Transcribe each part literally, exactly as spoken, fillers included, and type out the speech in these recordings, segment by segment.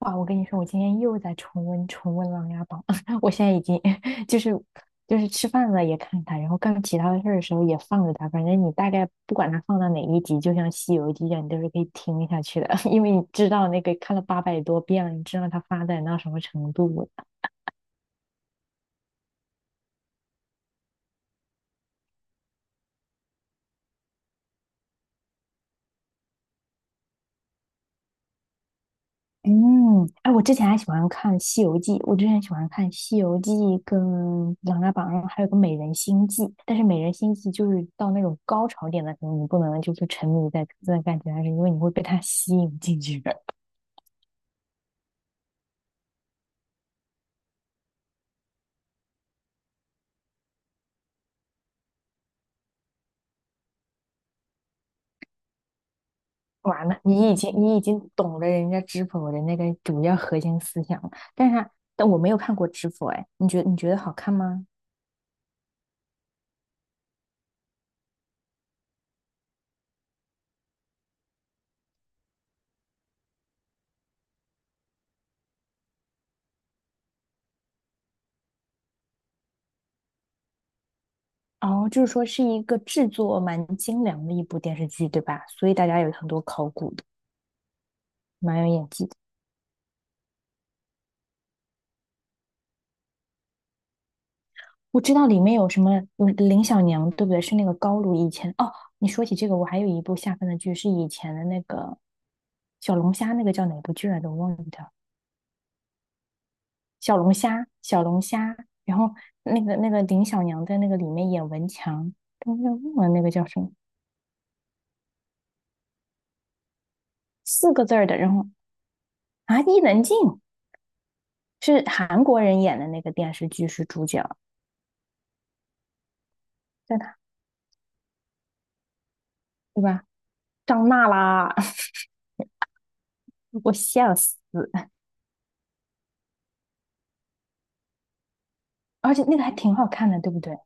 哇，我跟你说，我今天又在重温重温《琅琊榜》，我现在已经 就是就是吃饭了也看它，然后干其他的事儿的时候也放着它，反正你大概不管它放到哪一集，就像《西游记》一样，你都是可以听下去的，因为你知道那个看了八百多遍了，你知道它发展到什么程度了。嗯，哎，我之前还喜欢看《西游记》，我之前喜欢看《西游记》跟《琅琊榜》，还有个《美人心计》。但是《美人心计》就是到那种高潮点的时候，你不能就是沉迷在这段感情上，是因为你会被它吸引进去。的。完了，你已经你已经懂了人家知否的那个主要核心思想了，但是它但我没有看过知否，哎，你觉得你觉得好看吗？哦，就是说是一个制作蛮精良的一部电视剧，对吧？所以大家有很多考古的，蛮有演技的。我知道里面有什么有林小娘，对不对？是那个高露以前哦。你说起这个，我还有一部下饭的剧是以前的那个小龙虾，那个叫哪部剧来着？我忘记掉。小龙虾，小龙虾。然后那个那个林小娘在那个里面演文强，但是忘了那个叫什么四个字儿的。然后啊，伊能静是韩国人演的那个电视剧是主角，在哪？对吧？张娜拉，我笑死。而且那个还挺好看的，对不对？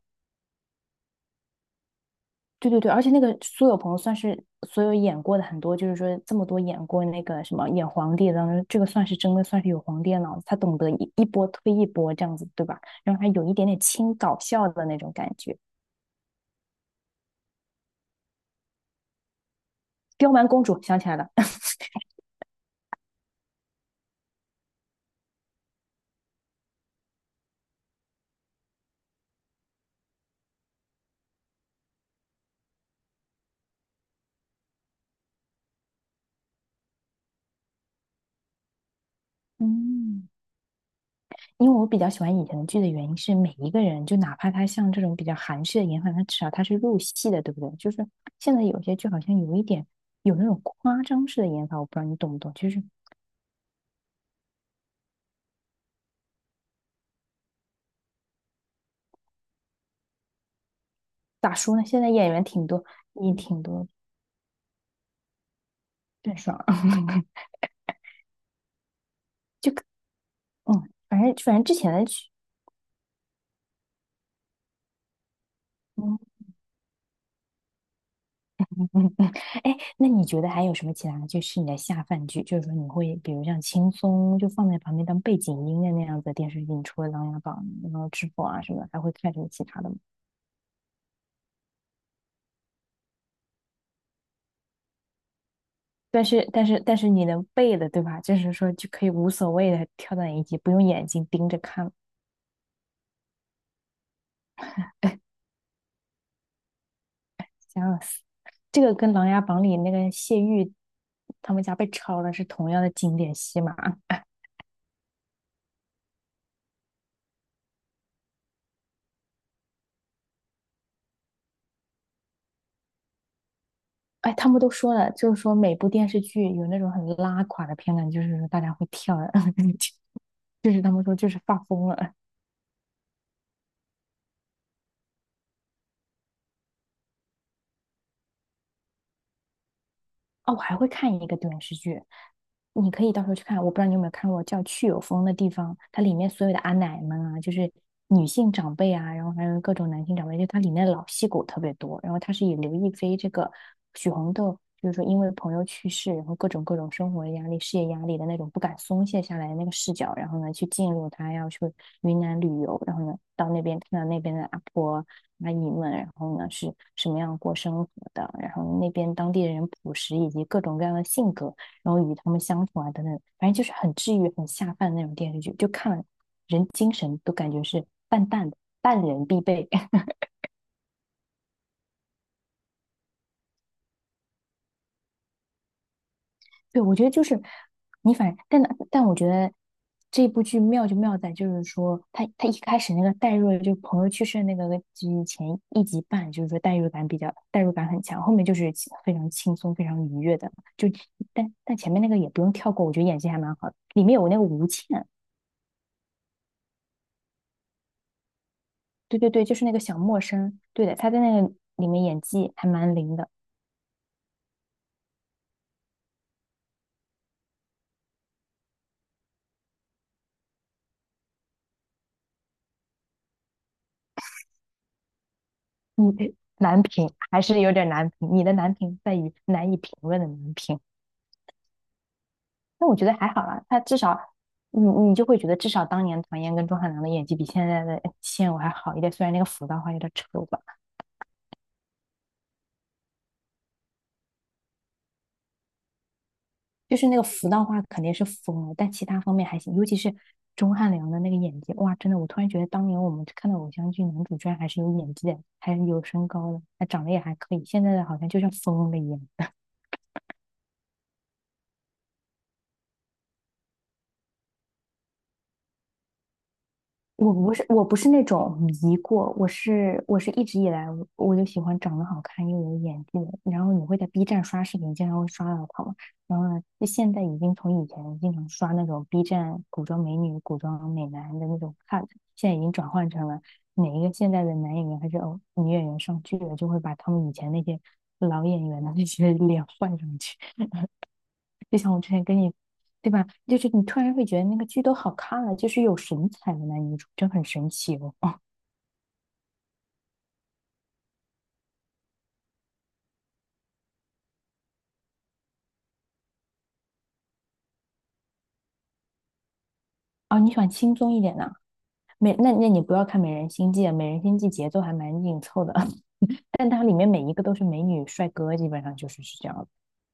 对对对，而且那个苏有朋算是所有演过的很多，就是说这么多演过那个什么演皇帝的当中这个算是真的算是有皇帝的脑子，他懂得一一波推一波这样子，对吧？然后还有一点点轻搞笑的那种感觉。刁蛮公主想起来了，嗯，因为我比较喜欢以前的剧的原因是，每一个人就哪怕他像这种比较韩式的演法，他至少他是入戏的，对不对？就是现在有些剧好像有一点有那种夸张式的演法，我不知道你懂不懂，就是咋说呢？现在演员挺多，也挺多郑爽，嗯，反正反正之前的剧，嗯嗯嗯嗯，哎，那你觉得还有什么其他就是你的下饭剧？就是说你会比如像轻松就放在旁边当背景音的那样子的电视剧，你除了《琅琊榜》然后《知否》啊什么的，还会看什么其他的吗？但是但是但是你能背的对吧？就是说就可以无所谓的跳到一集，不用眼睛盯着看，想死。这个跟《琅琊榜》里那个谢玉他们家被抄了是同样的经典戏码。哎，他们都说了，就是说每部电视剧有那种很拉垮的片段，就是说大家会跳的 就是他们说就是发疯了。哦，我还会看一个电视剧，你可以到时候去看。我不知道你有没有看过，叫《去有风的地方》，它里面所有的阿奶们啊，就是女性长辈啊，然后还有各种男性长辈，就它里面的老戏骨特别多。然后它是以刘亦菲这个许红豆，就是说因为朋友去世，然后各种各种生活压力、事业压力的那种不敢松懈下来的那个视角，然后呢去进入她要去云南旅游，然后呢到那边看到那边的阿婆。阿姨们，然后呢是什么样过生活的，然后那边当地人朴实以及各种各样的性格，然后与他们相处啊等等，反正就是很治愈、很下饭的那种电视剧，就看了人精神都感觉是淡淡的，淡人必备。对，我觉得就是你反，但但我觉得这部剧妙就妙在，就是说他他一开始那个代入，就朋友去世的那个剧前一集半，就是说代入感比较代入感很强，后面就是其非常轻松、非常愉悦的。就但但前面那个也不用跳过，我觉得演技还蛮好的。里面有那个吴倩，对对对，就是那个小默生，对的，她在那个里面演技还蛮灵的。你难评 还是有点难评，你的难评在于难以评论的难评。那我觉得还好啦，他至少你你就会觉得至少当年唐嫣跟钟汉良的演技比现在的哎现偶还好一点，虽然那个服道化有点丑吧，就是那个服道化肯定是疯了，但其他方面还行，尤其是钟汉良的那个演技，哇，真的，我突然觉得当年我们看到偶像剧男主居然还是有演技的，还有身高的，他长得也还可以，现在的好像就像疯了一样。我不是我不是那种迷过，我是我是一直以来我我就喜欢长得好看又有演技的。然后你会在 B 站刷视频，经常会刷到他嘛。然后呢，就现在已经从以前经常刷那种 B 站古装美女、古装美男的那种看，现在已经转换成了哪一个现在的男演员还是哦女演员上剧了，就会把他们以前那些老演员的那些脸 换上去。就像我之前跟你。对吧？就是你突然会觉得那个剧都好看了，就是有神采的男女主，真很神奇哦。哦，你喜欢轻松一点的，美，那那你不要看《美人心计》，《美人心计》节奏还蛮紧凑的，但它里面每一个都是美女帅哥，基本上就是是这样的。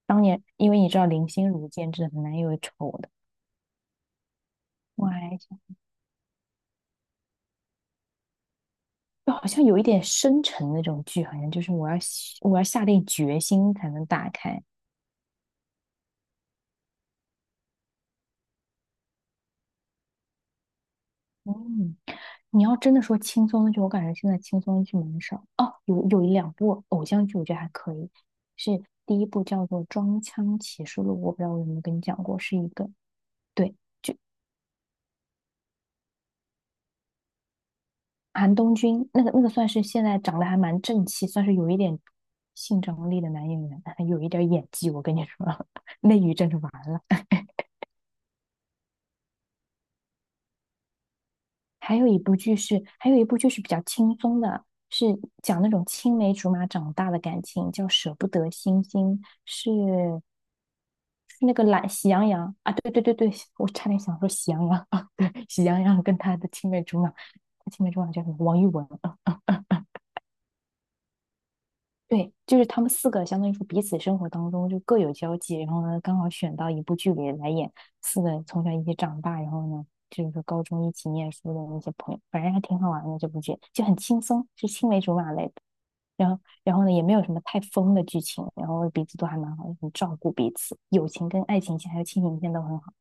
当年因为你知道林心如监制很难有丑的，我还想就好像有一点深沉那种剧，好像就是我要我要下定决心才能打开。嗯，你要真的说轻松的剧，我感觉现在轻松的剧蛮少。哦，有有一两部偶像剧，我觉得还可以，是第一部叫做《装腔启示录》，我不知道我有没有跟你讲过，是一个对，韩东君那个那个算是现在长得还蛮正气，算是有一点性张力的男演员，有一点演技。我跟你说，内娱真是完了。还有一部剧是，还有一部剧是比较轻松的，是讲那种青梅竹马长大的感情，叫《舍不得星星》，是是那个懒喜羊羊啊，对对对对，我差点想说喜羊羊啊，对，喜羊羊跟他的青梅竹马，青梅竹马叫什么？王一文对，就是他们四个相当于说彼此生活当中就各有交际，然后呢刚好选到一部剧里来演四个从小一起长大，然后呢就是说高中一起念书的那些朋友，反正还挺好玩的这部剧，就很轻松，是青梅竹马类的。然后，然后呢也没有什么太疯的剧情，然后彼此都还蛮好，很照顾彼此，友情跟爱情线还有亲情线都很好。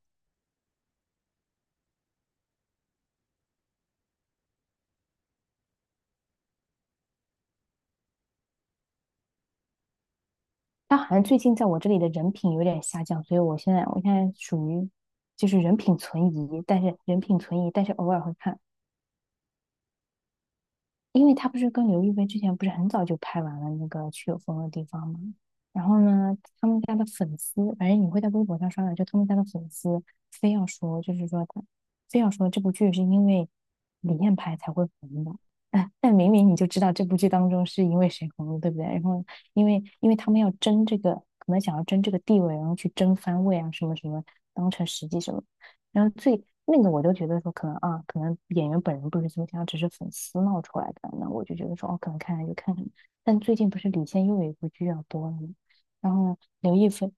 他好像最近在我这里的人品有点下降，所以我现在我现在属于就是人品存疑，但是人品存疑，但是偶尔会看。因为他不是跟刘亦菲之前不是很早就拍完了那个去有风的地方吗？然后呢，他们家的粉丝，反正你会在微博上刷到，就他们家的粉丝非要说，就是说他非要说这部剧是因为李现拍才会红的，哎，但明明你就知道这部剧当中是因为谁红的，对不对？然后因为因为他们要争这个，可能想要争这个地位，然后去争番位啊，什么什么，当成实际什么。然后最那个我都觉得说可能啊，可能演员本人不是这么想，只是粉丝闹出来的。那我就觉得说哦，可能看看就看看。但最近不是李现又有一部剧要播了吗？然后呢，刘亦菲，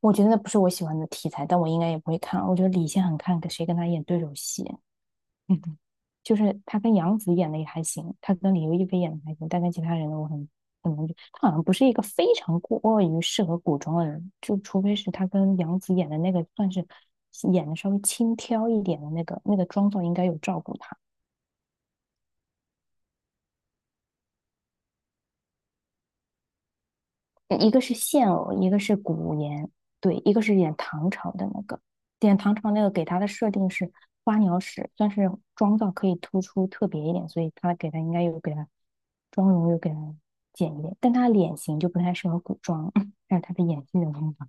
我觉得那不是我喜欢的题材，但我应该也不会看。我觉得李现很看谁跟他演对手戏。嗯，就是他跟杨紫演的也还行，他跟李优一菲演的还行，但跟其他人的我很很难觉。他好像不是一个非常过于适合古装的人，就除非是他跟杨紫演的那个算是演的稍微轻佻一点的那个，那个妆造应该有照顾他。一个是现偶，一个是古言，对，一个是演唐朝的那个，演唐朝那个给他的设定是花鸟使，算是妆造可以突出特别一点，所以他给他应该有给他妆容又给他减一点，但他脸型就不太适合古装，但是他的演技的风格。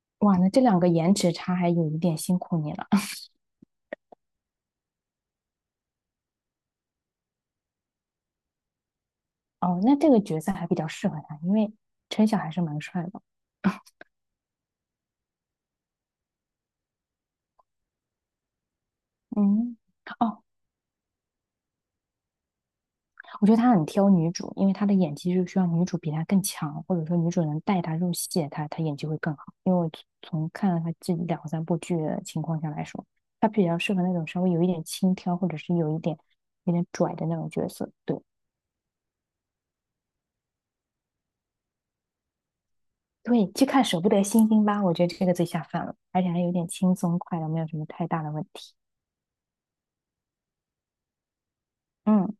哇，那这两个颜值差还有一点辛苦你了。哦，那这个角色还比较适合他，因为陈晓还是蛮帅的。嗯，哦，我觉得他很挑女主，因为他的演技就需要女主比他更强，或者说女主能带他入戏，他他演技会更好。因为我从看了他这两三部剧的情况下来说，他比较适合那种稍微有一点轻佻，或者是有一点有点拽的那种角色。对对，去看《舍不得星星》吧，我觉得这个最下饭了，而且还有点轻松快乐，没有什么太大的问题。嗯。